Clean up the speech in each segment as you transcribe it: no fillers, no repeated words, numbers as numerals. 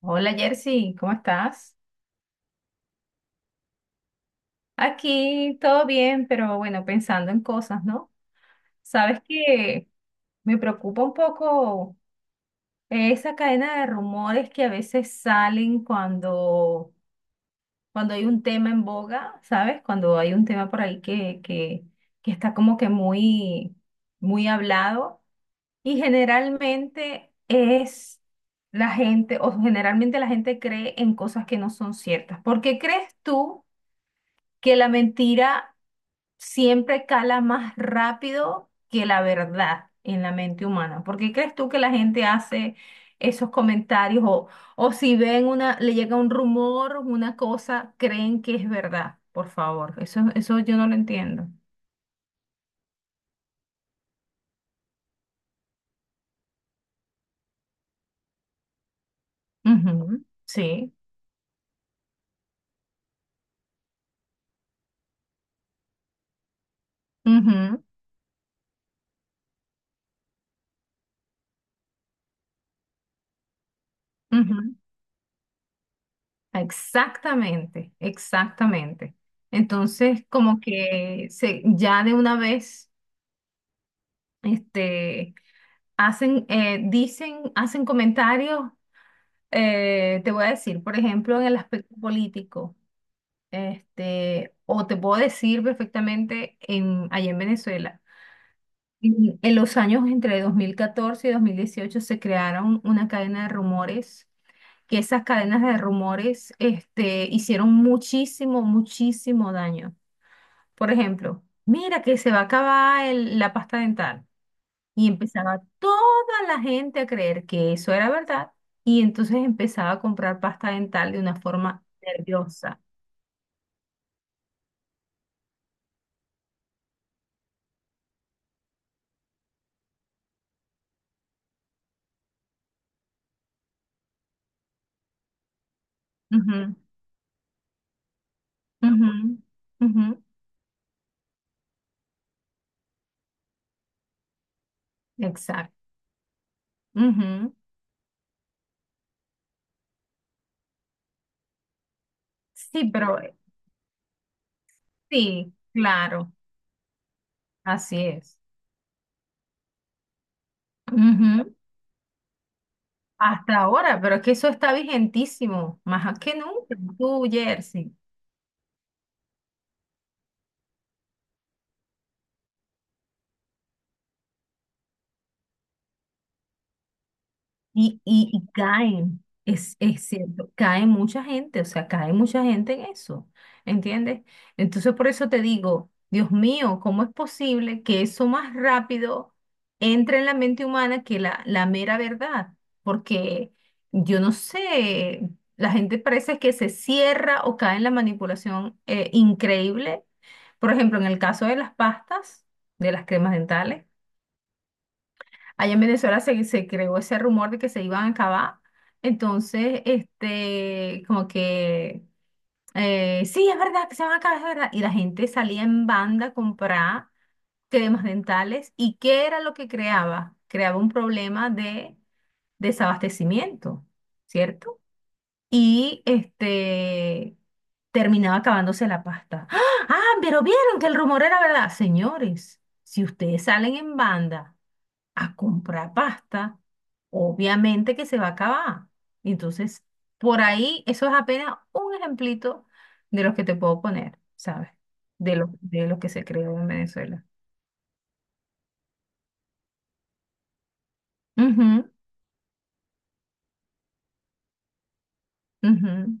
Hola Jersey, ¿cómo estás? Aquí todo bien, pero bueno, pensando en cosas, ¿no? Sabes que me preocupa un poco esa cadena de rumores que a veces salen cuando hay un tema en boga, ¿sabes? Cuando hay un tema por ahí que está como que muy, muy hablado. Y generalmente es la gente, o generalmente la gente cree en cosas que no son ciertas. ¿Por qué crees tú que la mentira siempre cala más rápido que la verdad en la mente humana? ¿Por qué crees tú que la gente hace esos comentarios o si ven una, le llega un rumor, una cosa, creen que es verdad? Por favor, eso yo no lo entiendo. Ujú, sí. Ujú, ujú. Exactamente, exactamente. Entonces, como que se, ya de una vez, este, hacen, dicen, hacen comentarios, te voy a decir, por ejemplo, en el aspecto político, o te puedo decir perfectamente allá en Venezuela. En los años entre 2014 y 2018 se crearon una cadena de rumores, que esas cadenas de rumores, hicieron muchísimo, muchísimo daño. Por ejemplo, mira que se va a acabar la pasta dental. Y empezaba toda la gente a creer que eso era verdad. Y entonces empezaba a comprar pasta dental de una forma nerviosa. Ujú, ujú, ujú. Exacto. Ujú. Sí, pero sí, claro, así es. Ujú. Hasta ahora, pero es que eso está vigentísimo, más que nunca. Tú, Jersey. Y caen, es cierto, cae mucha gente, o sea, cae mucha gente en eso, ¿entiendes? Entonces por eso te digo, Dios mío, ¿cómo es posible que eso más rápido entre en la mente humana que la mera verdad? Porque yo no sé, la gente parece que se cierra o cae en la manipulación increíble. Por ejemplo, en el caso de las pastas, de las cremas dentales. Allá en Venezuela se creó ese rumor de que se iban a acabar. Entonces, como que, sí, es verdad que se van a acabar, es verdad. Y la gente salía en banda a comprar cremas dentales. ¿Y qué era lo que creaba? Creaba un problema de desabastecimiento, ¿cierto? Y terminaba acabándose la pasta. ¡Ah! ¡Ah! Pero vieron que el rumor era verdad. Señores, si ustedes salen en banda a comprar pasta, obviamente que se va a acabar. Entonces, por ahí, eso es apenas un ejemplito de los que te puedo poner, ¿sabes? De lo que se creó en Venezuela. Ujú, ujú.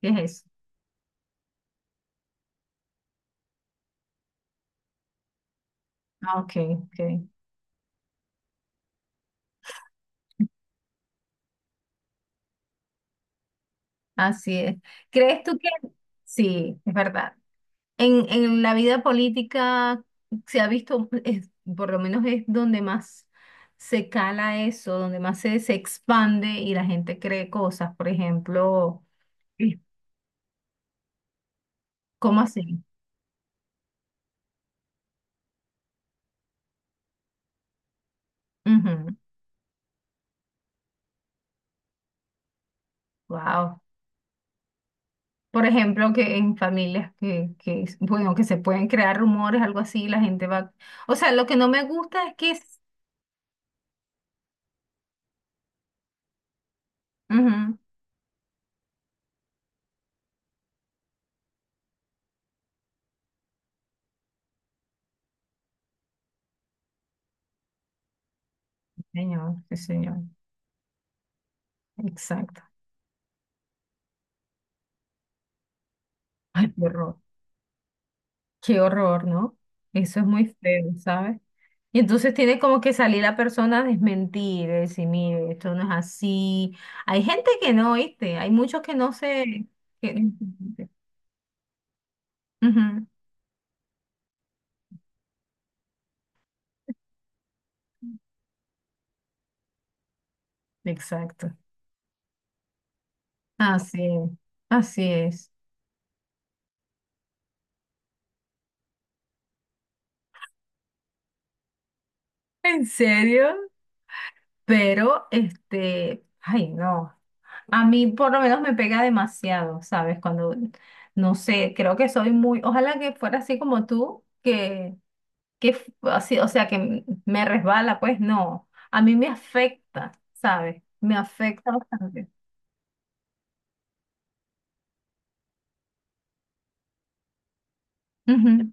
¿Qué es eso? Ah, ok, ok. Así es. ¿Crees tú que...? Sí, es verdad. En la vida política se ha visto, por lo menos es donde más se cala eso, donde más se expande y la gente cree cosas. Por ejemplo, sí. ¿Cómo así? Wow. Por ejemplo, que en familias que, bueno, que se pueden crear rumores, algo así, la gente va. O sea, lo que no me gusta es que es. Ujú. Sí, señor, sí, señor. Exacto. Ay, qué horror. Qué horror, ¿no? Eso es muy feo, ¿sabes? Y entonces tiene como que salir la persona a desmentir, a decir, mire, esto no es así. Hay gente que no, ¿viste? Hay muchos que no se... que- Ujú. Exacto. Así es, así es. ¿En serio? Pero, ay, no. A mí por lo menos me pega demasiado, ¿sabes? Cuando, no sé, creo que soy muy, ojalá que fuera así como tú, que, así, o sea, que me resbala, pues no. A mí me afecta, ¿sabes? Me afecta bastante. Ujú.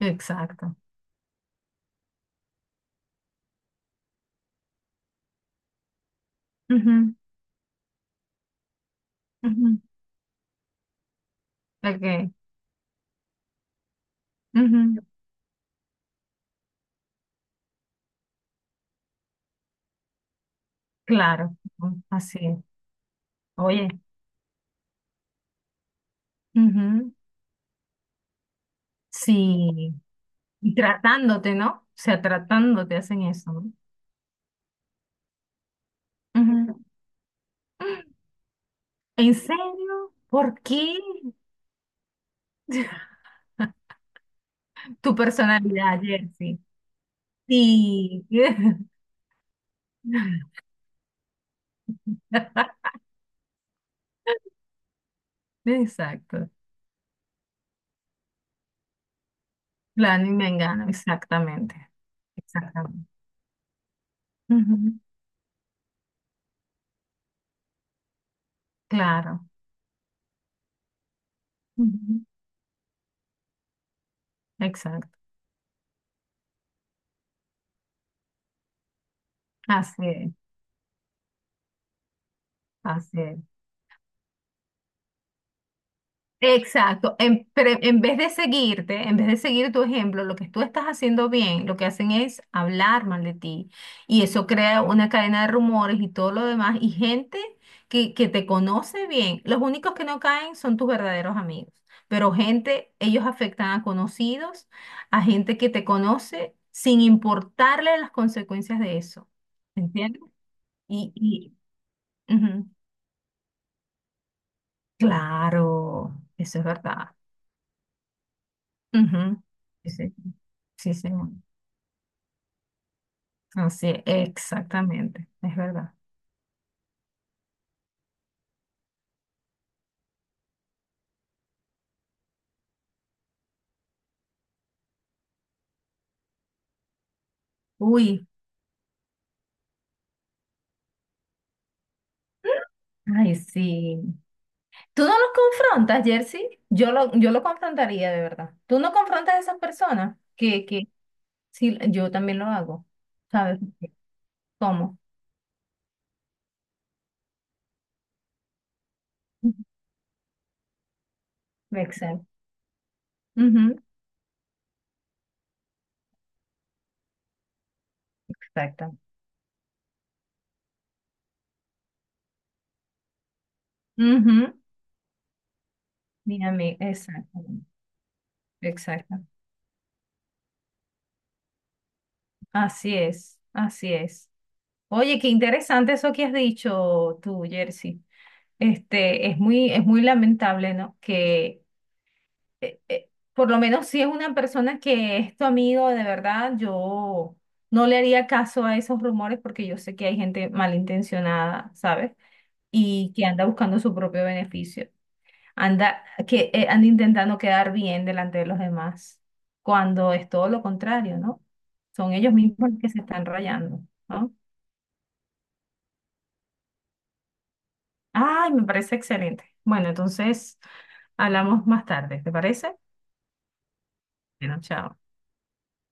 Exacto. Ujú, ujú, ok, ujú, claro, ujú, así es. Oye, ujú. Sí, y tratándote, ¿no? O sea, tratándote hacen eso, ¿no? Ujú. ¿En serio? ¿Por qué? Tu personalidad, Jersey. Sí. Exacto. Planning Mengano, exactamente. Exactamente. Ujú, claro. Ujú, exacto. Así es, así es. Exacto. En vez de seguirte, en vez de seguir tu ejemplo, lo que tú estás haciendo bien, lo que hacen es hablar mal de ti. Y eso crea una cadena de rumores y todo lo demás. Y gente que te conoce bien, los únicos que no caen son tus verdaderos amigos. Pero gente, ellos afectan a conocidos, a gente que te conoce, sin importarle las consecuencias de eso. ¿Entiendes? Y ujú, claro, eso es verdad. Ujú. Sí, sí, sí, señor. Así, exactamente, es verdad. Uy, ay, sí. ¿Tú no los confrontas, Jersey? Yo lo confrontaría de verdad. ¿Tú no confrontas a esas personas? Sí, yo también lo hago. ¿Sabes? ¿Cómo? Exacto. Ujú, exacto. Ujú. Mira, exacto. Exacto. Así es, así es. Oye, qué interesante eso que has dicho tú, Jersey. Es muy lamentable, ¿no? Que por lo menos si es una persona que es tu amigo de verdad, yo no le haría caso a esos rumores porque yo sé que hay gente malintencionada, ¿sabes? Y que anda buscando su propio beneficio. Anda, que anda intentando quedar bien delante de los demás, cuando es todo lo contrario, ¿no? Son ellos mismos los que se están rayando, ¿no? Ay, me parece excelente. Bueno, entonces hablamos más tarde, ¿te parece? Bueno, chao.